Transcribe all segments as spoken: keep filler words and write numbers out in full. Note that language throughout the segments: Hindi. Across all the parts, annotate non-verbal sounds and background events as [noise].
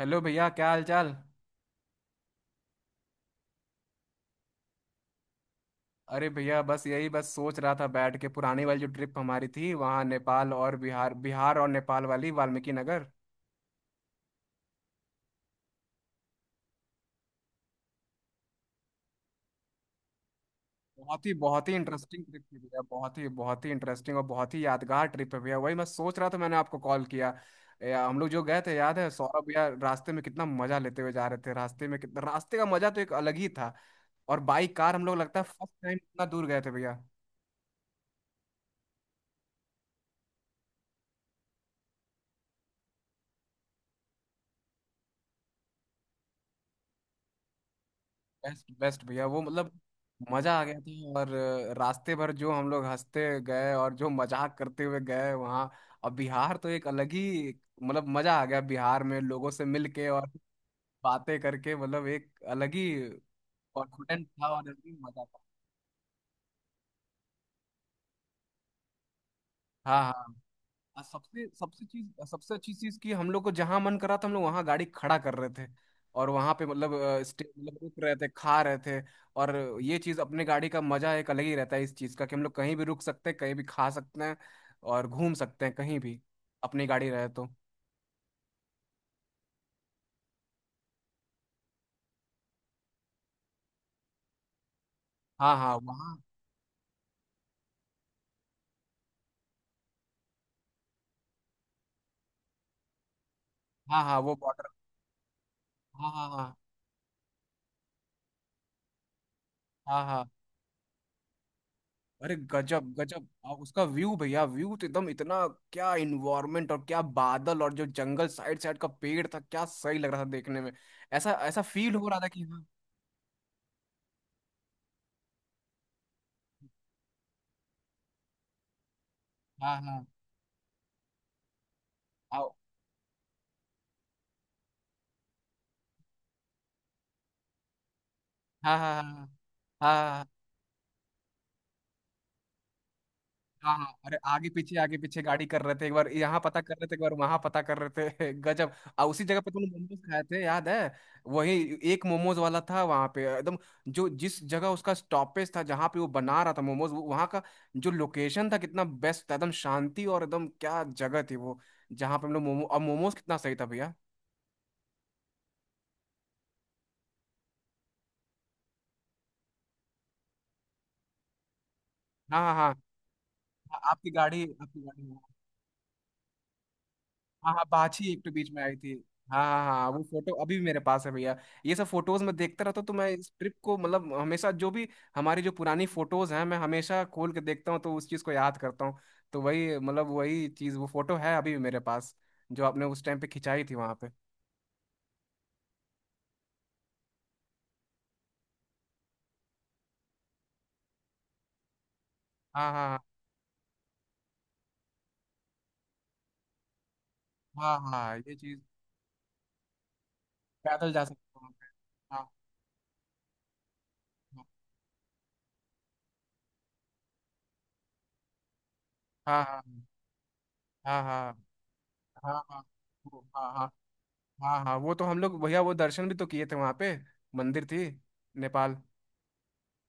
हेलो भैया, क्या हाल चाल। अरे भैया, बस यही बस सोच रहा था बैठ के, पुरानी वाली जो ट्रिप हमारी थी वहाँ, नेपाल और बिहार, बिहार और नेपाल वाली, वाल्मीकि नगर। बहुत ही बहुत ही इंटरेस्टिंग ट्रिप थी भैया, बहुत ही बहुत ही इंटरेस्टिंग और बहुत ही यादगार ट्रिप है भैया। वही मैं सोच रहा था, मैंने आपको कॉल किया। ए, हम लोग जो गए थे याद है सौरभ भैया, रास्ते में कितना मजा लेते हुए जा रहे थे, रास्ते में कितना, रास्ते का मजा तो एक अलग ही था। और बाई कार हम लोग लगता है फर्स्ट टाइम इतना दूर गए थे भैया। बेस्ट बेस्ट भैया, वो मतलब मजा आ गया था। और अ, रास्ते भर जो हम लोग हंसते गए और जो मजाक करते हुए गए वहाँ। अब बिहार तो एक अलग ही, मतलब मजा आ गया बिहार में लोगों से मिलके और बातें करके, मतलब एक अलग ही कॉन्फिडेंट था और अलग ही मजा था। हाँ हाँ। आ, सबसे सबसे चीज सबसे अच्छी चीज कि हम लोग को जहां मन करा था हम लोग वहां गाड़ी खड़ा कर रहे थे। और वहां पे मतलब अ, स्टे, मतलब रुक रहे थे, खा रहे थे। और ये चीज अपने गाड़ी का मजा एक अलग ही रहता है इस चीज का, कि हम लोग कहीं भी रुक सकते हैं, कहीं भी खा सकते हैं और घूम सकते हैं कहीं भी, अपनी गाड़ी रहे तो। हाँ हाँ, वहाँ। हाँ हाँ, वो बॉर्डर। हाँ हाँ हाँ हाँ हाँ। अरे गजब गजब, आ, उसका व्यू भैया, व्यू तो एकदम इतना, क्या इन्वायरमेंट और क्या बादल और जो जंगल साइड साइड का पेड़ था, क्या सही लग रहा था देखने में। ऐसा ऐसा फील हो रहा था कि। हाँ हाँ हाँ। आओ। हाँ हाँ हाँ हाँ हाँ हाँ, हाँ। हाँ हाँ, अरे आगे पीछे आगे पीछे गाड़ी कर रहे थे, एक बार यहाँ पता कर रहे थे, एक बार वहां पता कर रहे थे [laughs] गजब। आ उसी जगह पे तुम लोग मोमोज खाए थे, याद है। वही एक मोमोज वाला था वहां पे एकदम, जो जिस जगह उसका स्टॉपेज था जहाँ पे वो बना रहा था मोमोज, वहां का जो लोकेशन था कितना बेस्ट था, एकदम शांति, और एकदम क्या जगह थी वो, जहाँ पे हम लोग मोमो और मोमोज, कितना सही था भैया। हाँ हाँ हाँ आपकी गाड़ी आपकी गाड़ी, हाँ। हाँ हाँ, बाछी एक तो बीच में आई थी। हाँ हाँ हाँ, वो फोटो अभी भी मेरे पास है भैया। ये सब फोटोज मैं देखता रहता हूँ, तो मैं इस ट्रिप को मतलब हमेशा, जो भी हमारी जो पुरानी फोटोज हैं मैं हमेशा खोल के देखता हूँ, तो उस चीज़ को याद करता हूँ। तो वही मतलब वही चीज़, वो फोटो है अभी भी मेरे पास, जो आपने उस टाइम पे खिंचाई थी वहाँ पे। हाँ हाँ हाँ हाँ हाँ, ये चीज़। पैदल जा सकते हो वहाँ पे। हाँ हाँ हाँ हाँ हाँ हाँ हाँ हाँ हाँ हाँ हाँ हाँ, वो तो हम लोग भैया वो दर्शन भी तो किए थे वहाँ पे, मंदिर थी नेपाल।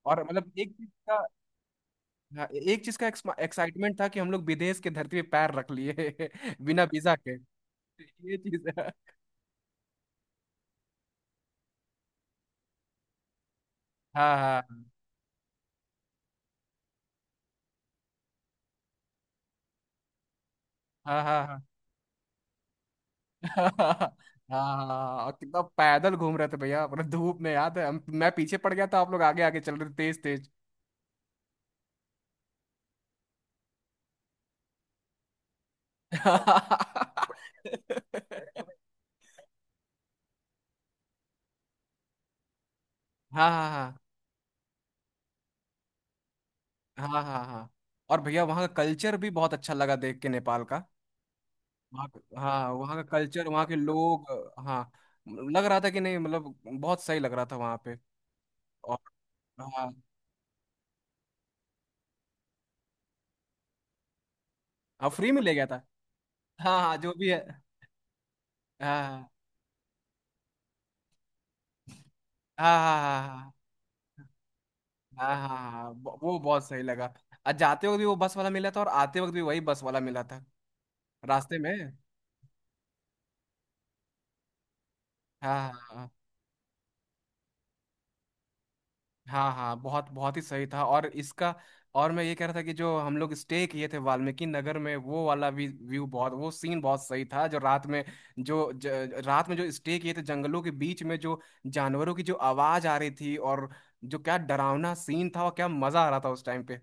और मतलब एक चीज का, हाँ, एक चीज का एक्साइटमेंट था कि हम लोग विदेश के धरती पे पैर रख लिए [laughs] बिना वीजा के। ये चीज है। हाँ हाँ हाँ हाँ हाँ हाँ हाँ हाँ, और कितना पैदल घूम रहे थे भैया पूरा धूप में, याद है हम, मैं पीछे पड़ गया था, आप लोग आगे आगे चल रहे थे तेज तेज [laughs] हाँ हाँ हाँ हाँ हाँ हाँ हाँ, हाँ। और भैया वहाँ का कल्चर भी बहुत अच्छा लगा देख के, नेपाल का। वहाँ का- हाँ वहाँ का कल्चर, वहाँ के लोग, हाँ, लग रहा था कि नहीं, मतलब बहुत सही लग रहा था वहाँ पे। और हाँ हाँ फ्री में ले गया था, हाँ हाँ जो भी है। हाँ हाँ हाँ हाँ हाँ हाँ हाँ हाँ, ब- वो बहुत सही लगा। आज जाते वक्त भी वो बस वाला मिला था, और आते वक्त भी वही बस वाला मिला था रास्ते में। हाँ हाँ हाँ। हाँ हाँ, बहुत बहुत ही सही था, और इसका, और मैं ये कह रहा था कि जो हम लोग स्टे किए थे वाल्मीकि नगर में, वो वाला भी व्यू बहुत, वो सीन बहुत सही था जो रात में, जो ज, रात में जो स्टे किए थे जंगलों के बीच में, जो जानवरों की जो आवाज आ रही थी, और जो क्या डरावना सीन था और क्या मजा आ रहा था उस टाइम पे।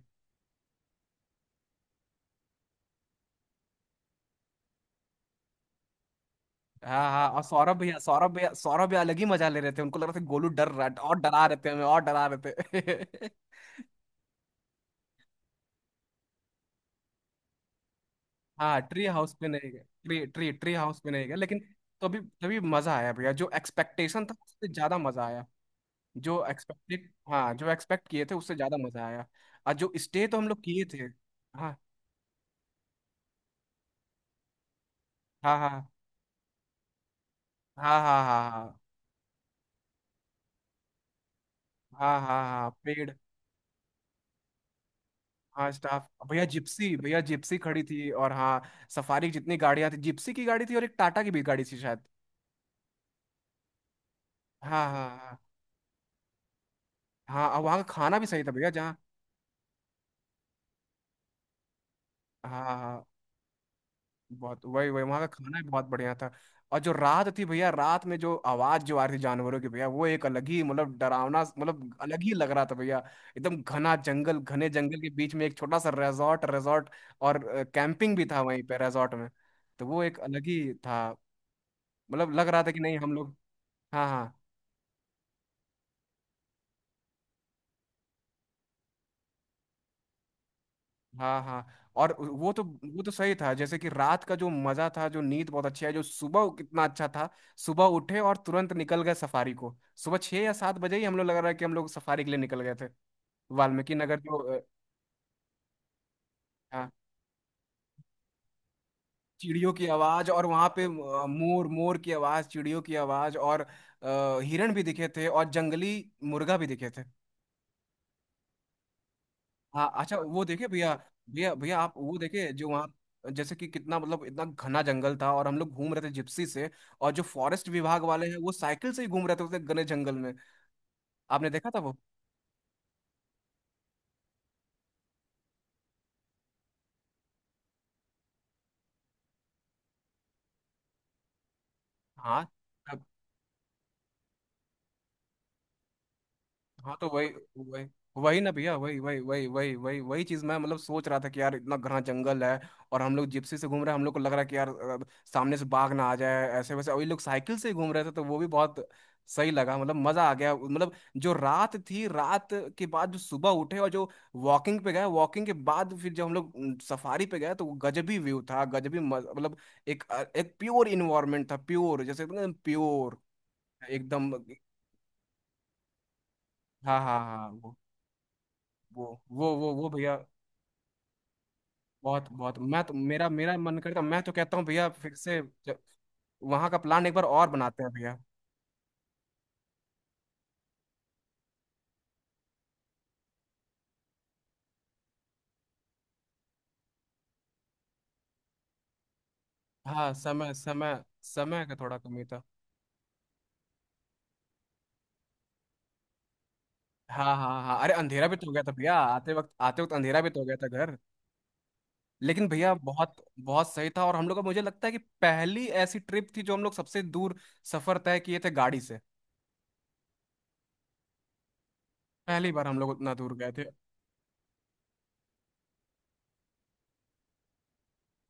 हाँ हाँ, और सौरभ भैया सौरभ भैया सौरभ भैया अलग ही मजा ले रहे थे, उनको लग रहा था कि गोलू डर रहा है, और डरा रहे थे हमें, और डरा रहे थे [laughs] हाँ, ट्री हाउस पे नहीं गए, ट्री ट्री ट्री हाउस पे नहीं गए, लेकिन तभी तभी मजा आया भैया, जो एक्सपेक्टेशन था उससे ज्यादा मजा आया। जो एक्सपेक्टेड, हाँ, जो एक्सपेक्ट किए थे उससे ज्यादा मजा आया। और जो स्टे तो हम लोग किए थे। हाँ हाँ हाँ हाँ हाँ हाँ हाँ हाँ हाँ हाँ पेड़, हाँ स्टाफ भैया जिप्सी भैया जिप्सी खड़ी थी, और हाँ सफारी की जितनी गाड़ियाँ थी जिप्सी की गाड़ी थी, और एक टाटा की भी गाड़ी थी शायद। हाँ हाँ हाँ हाँ। और वहाँ का खाना भी सही था भैया जहाँ, हाँ हाँ हाँ। बहुत वही वही, वहाँ का खाना भी बहुत बढ़िया था। और जो रात थी भैया, रात में जो आवाज जो आ रही थी जानवरों की भैया, वो एक अलग ही मतलब डरावना, मतलब अलग ही लग रहा था भैया। एकदम घना जंगल, घने जंगल के बीच में एक छोटा सा रिजॉर्ट, रिजॉर्ट और कैंपिंग भी था वहीं पे रिजॉर्ट में। तो वो एक अलग ही था, मतलब लग रहा था कि नहीं हम लोग। हाँ हाँ। हाँ हाँ, और वो तो वो तो सही था, जैसे कि रात का जो मजा था, जो नींद बहुत अच्छी है, जो सुबह कितना अच्छा था, सुबह उठे और तुरंत निकल गए सफारी को। सुबह छह या सात बजे ही हम लोग लग रहा है कि हम लोग सफारी के लिए निकल गए थे। वाल्मीकि नगर जो अ, हाँ चिड़ियों की आवाज, और वहाँ पे अ, मोर मोर की आवाज, चिड़ियों की आवाज, और अ, हिरण भी दिखे थे, और जंगली मुर्गा भी दिखे थे। हाँ अच्छा, वो देखे भैया। भैया भैया आप वो देखे, जो वहाँ जैसे कि कितना मतलब इतना घना जंगल था और हम लोग घूम रहे थे जिप्सी से, और जो फॉरेस्ट विभाग वाले हैं वो साइकिल से ही घूम रहे थे उस घने जंगल में, आपने देखा था वो। हाँ हाँ, तो वही वही वही ना भैया वही वही वही वही वही वही चीज मैं मतलब सोच रहा था कि यार इतना घना जंगल है और हम लोग जिप्सी से घूम रहे हैं, हम लोग को लग रहा है कि यार अ, सामने से बाघ ना आ जाए ऐसे वैसे, वही लोग साइकिल से ही घूम रहे थे, तो वो भी बहुत सही लगा, मतलब मजा आ गया। मतलब जो रात थी, रात के बाद जो सुबह उठे और जो वॉकिंग पे गए, वॉकिंग के बाद फिर जब हम लोग सफारी पे गए, तो वो गजबी व्यू था, गजबी मज- मतलब एक, एक प्योर इन्वायरमेंट था, प्योर जैसे प्योर, एकदम। हाँ हाँ हाँ, वो वो वो वो भैया बहुत बहुत, मैं तो मेरा मेरा मन करता, मैं तो कहता हूँ भैया फिर से, ज- वहाँ का प्लान एक बार और बनाते हैं भैया। हाँ समय समय समय का थोड़ा कमी था। हाँ हाँ हाँ, अरे अंधेरा भी तो हो गया था भैया, आते वक्त आते वक्त अंधेरा भी तो हो गया था घर। लेकिन भैया बहुत बहुत सही था, और हम लोग का मुझे लगता है कि पहली ऐसी ट्रिप थी जो हम लोग सबसे दूर सफर तय किए थे गाड़ी से, पहली बार हम लोग उतना दूर गए थे।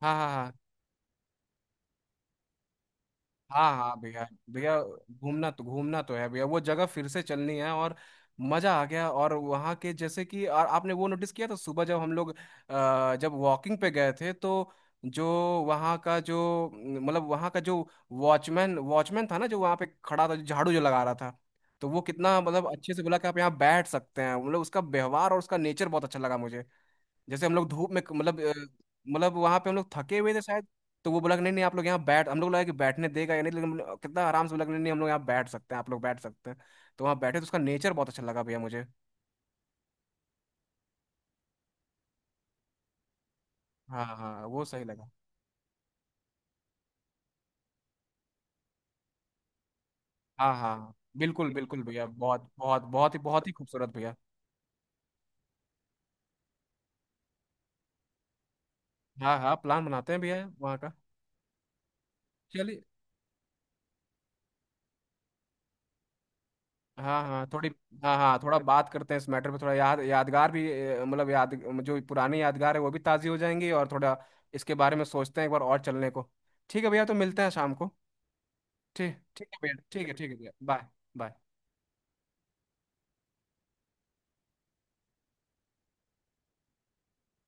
हाँ हाँ हाँ हाँ हाँ, भैया, भैया घूमना तो घूमना तो है भैया, वो जगह फिर से चलनी है। और मजा आ गया, और वहाँ के जैसे कि, और आपने वो नोटिस किया था सुबह जब हम लोग अ, जब वॉकिंग पे गए थे, तो जो वहाँ का जो न, मतलब वहाँ का जो वॉचमैन, वॉचमैन था ना, जो वहाँ पे खड़ा था, जो झाड़ू जो लगा रहा था, तो वो कितना मतलब अच्छे से बोला कि आप यहाँ बैठ सकते हैं, मतलब उसका व्यवहार और उसका नेचर बहुत अच्छा लगा मुझे। जैसे हम लोग धूप में मतलब अ, मतलब वहां पे हम लोग थके हुए थे शायद, तो वो बोला कि नहीं नहीं आप लोग यहाँ बैठ, हम लोग लगा कि बैठने देगा या नहीं, लेकिन हम लोग- कितना आराम से बोला कि नहीं नहीं, हम लोग यहाँ बैठ सकते हैं, आप लोग बैठ सकते हैं, तो वहाँ बैठे, तो उसका नेचर बहुत अच्छा लगा भैया मुझे। हाँ हाँ, वो सही लगा। हाँ हाँ हाँ, बिल्कुल बिल्कुल भैया, बहुत बहुत बहुत ही बहुत ही खूबसूरत भैया। हाँ हाँ, प्लान बनाते हैं भैया वहाँ का। चलिए। हाँ हाँ थोड़ी। हाँ हाँ थोड़ा बात करते हैं इस मैटर पे, थोड़ा याद यादगार भी अ, मतलब याद, जो पुरानी यादगार है वो भी ताज़ी हो जाएंगी, और थोड़ा इसके बारे में सोचते हैं, एक बार और चलने को। ठीक है भैया, तो मिलते हैं शाम को। ठीक ठीक है भैया, ठीक है, ठीक है भैया, बाय। बाय।